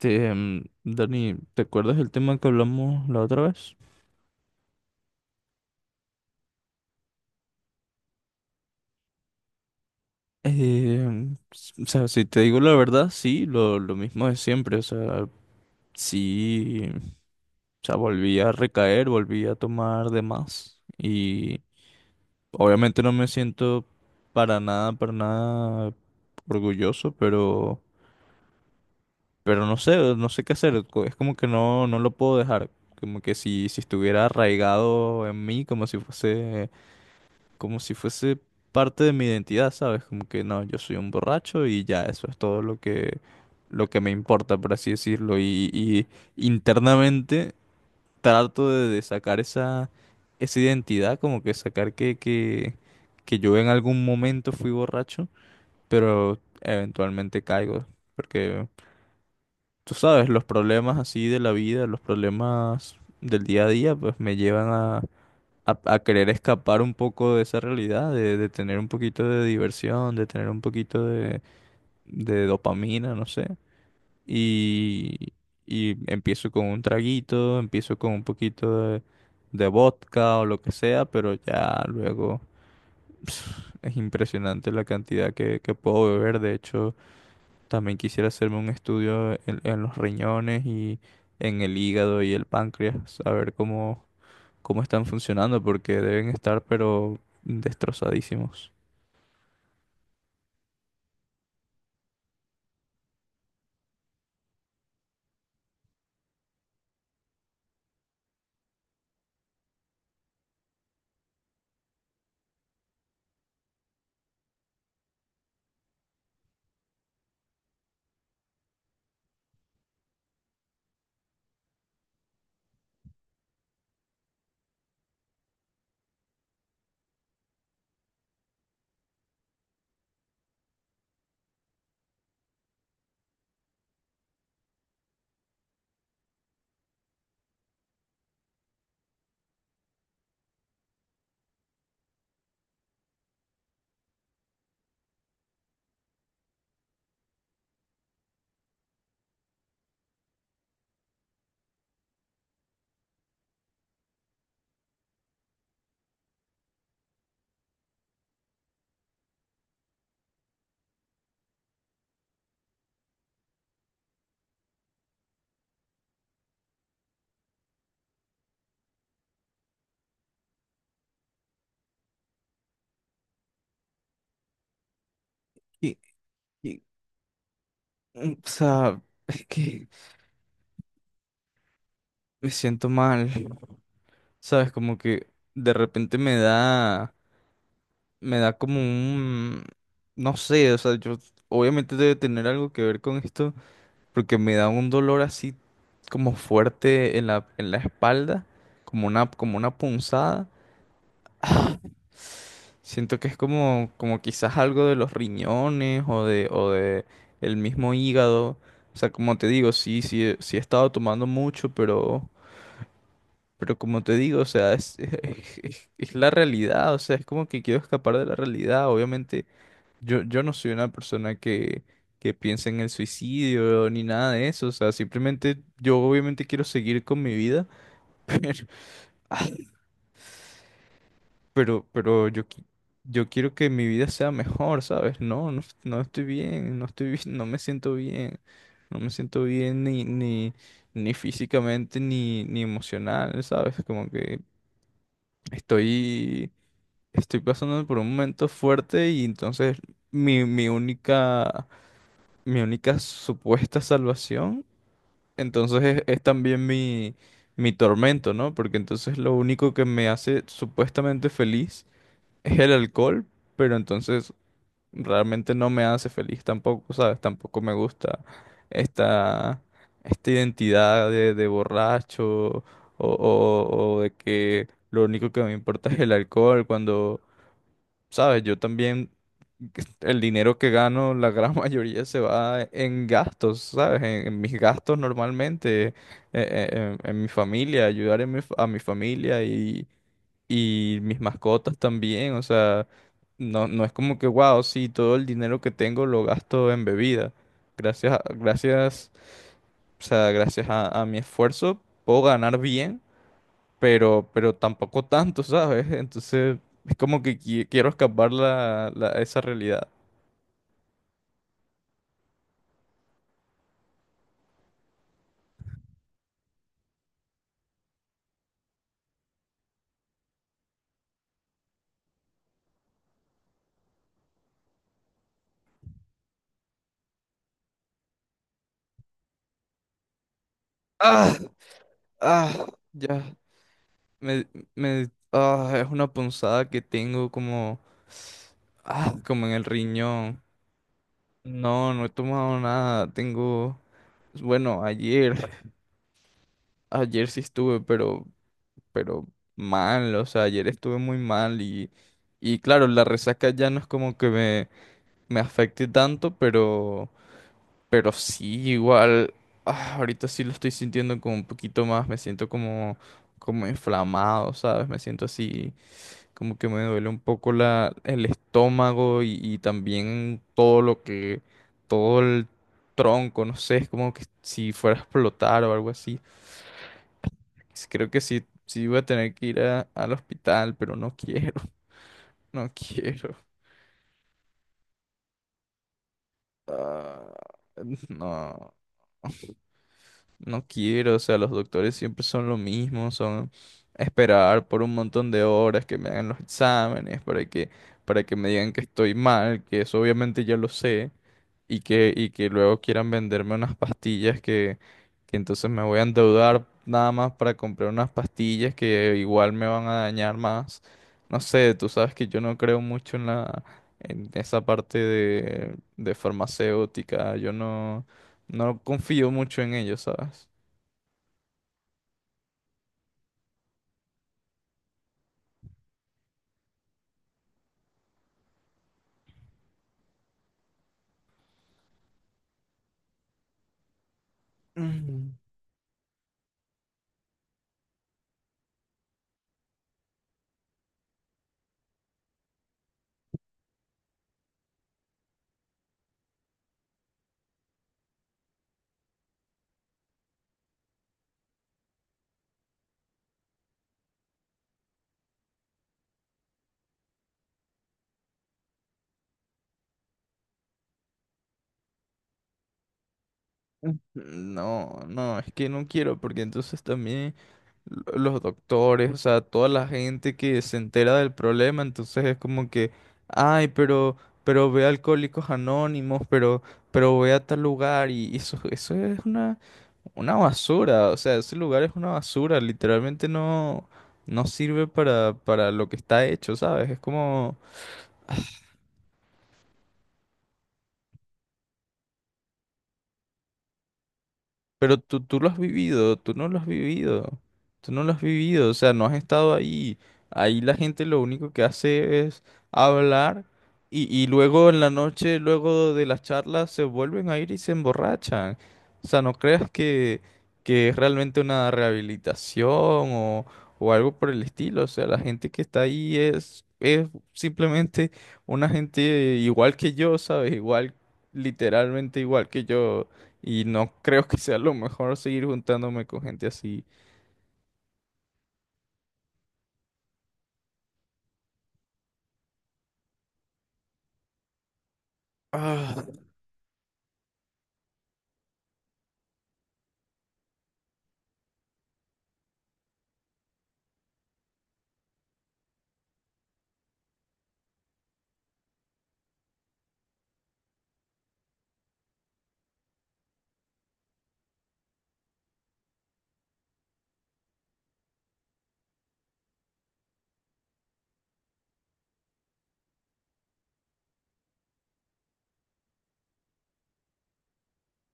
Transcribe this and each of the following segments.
Dani, ¿te acuerdas del tema que hablamos la otra vez? O sea, si te digo la verdad, sí, lo mismo de siempre, o sea, sí, o sea, volví a recaer, volví a tomar de más y obviamente no me siento para nada orgulloso, pero no sé, no sé qué hacer, es como que no, no lo puedo dejar, como que si estuviera arraigado en mí, como si fuese, como si fuese parte de mi identidad, ¿sabes? Como que no, yo soy un borracho y ya, eso es todo lo que me importa, por así decirlo. Y internamente trato de sacar esa, esa identidad, como que sacar que yo en algún momento fui borracho, pero eventualmente caigo. Porque tú sabes, los problemas así de la vida, los problemas del día a día, pues me llevan a querer escapar un poco de esa realidad, de tener un poquito de diversión, de tener un poquito de dopamina, no sé. Y, y empiezo con un traguito, empiezo con un poquito de vodka o lo que sea, pero ya luego es impresionante la cantidad que puedo beber. De hecho, también quisiera hacerme un estudio en los riñones y en el hígado y el páncreas, a ver cómo cómo están funcionando, porque deben estar pero destrozadísimos. Y, y, o sea, es que me siento mal, ¿sabes? Como que de repente me da como un, no sé, o sea, yo obviamente debe tener algo que ver con esto, porque me da un dolor así como fuerte en en la espalda, como una punzada. Siento que es como, como quizás algo de los riñones o de el mismo hígado. O sea, como te digo, sí, sí he estado tomando mucho, pero como te digo, o sea, es la realidad. O sea, es como que quiero escapar de la realidad. Obviamente, yo no soy una persona que piensa en el suicidio ni nada de eso. O sea, simplemente yo obviamente quiero seguir con mi vida. Pero yo quiero que mi vida sea mejor, ¿sabes? No, no, no estoy bien, no estoy bien, no me siento bien, no me siento bien ni físicamente ni emocional, ¿sabes? Como que estoy, estoy pasando por un momento fuerte y entonces mi, mi única, mi única supuesta salvación, entonces es también mi tormento, ¿no? Porque entonces lo único que me hace supuestamente feliz es el alcohol, pero entonces realmente no me hace feliz tampoco, ¿sabes? Tampoco me gusta esta, esta identidad de borracho o de que lo único que me importa es el alcohol, cuando, ¿sabes? Yo también, el dinero que gano, la gran mayoría se va en gastos, ¿sabes? En mis gastos normalmente, en mi familia, ayudar en a mi familia y mis mascotas también, o sea, no, no es como que, wow, sí, todo el dinero que tengo lo gasto en bebida. Gracias, o sea, gracias a mi esfuerzo puedo ganar bien, pero tampoco tanto, ¿sabes? Entonces es como que quiero escapar esa realidad. ¡Ah! ¡Ah! Ya, me, es una punzada que tengo como, ah, como en el riñón. No, no he tomado nada, tengo... Bueno, ayer, ayer sí estuve, pero mal, o sea, ayer estuve muy mal y claro, la resaca ya no es como que me afecte tanto, pero sí, igual, ah, ahorita sí lo estoy sintiendo como un poquito más, me siento como, como inflamado, ¿sabes? Me siento así, como que me duele un poco el estómago y también todo lo que, todo el tronco, no sé, es como que si fuera a explotar o algo así. Sí, creo que sí, sí voy a tener que ir a- al hospital, pero no quiero, no quiero. Ah, no, no quiero, o sea, los doctores siempre son lo mismo, son esperar por un montón de horas que me hagan los exámenes para que me digan que estoy mal, que eso obviamente ya lo sé, y que luego quieran venderme unas pastillas que entonces me voy a endeudar nada más para comprar unas pastillas que igual me van a dañar más. No sé, tú sabes que yo no creo mucho en en esa parte de farmacéutica, yo no, no confío mucho en ello, ¿sabes? Mm, mm. No, no, es que no quiero porque entonces también los doctores, o sea, toda la gente que se entera del problema, entonces es como que, ay, pero ve a Alcohólicos Anónimos, pero ve a tal lugar, y eso es una basura, o sea, ese lugar es una basura, literalmente no, no sirve para lo que está hecho, ¿sabes? Es como... Pero tú lo has vivido, tú no lo has vivido, tú no lo has vivido, o sea, no has estado ahí. Ahí la gente lo único que hace es hablar y luego en la noche, luego de las charlas, se vuelven a ir y se emborrachan. O sea, no creas que es realmente una rehabilitación o algo por el estilo. O sea, la gente que está ahí es simplemente una gente igual que yo, ¿sabes? Igual, literalmente igual que yo. Y no creo que sea lo mejor seguir juntándome con gente así. Ah,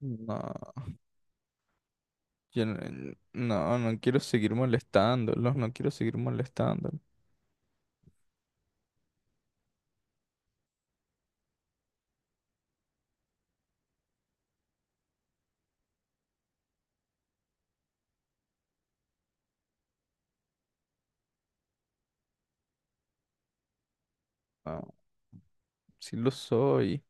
no, yo no, no quiero seguir molestándolos, no quiero seguir molestándolos. Ah, sí lo soy.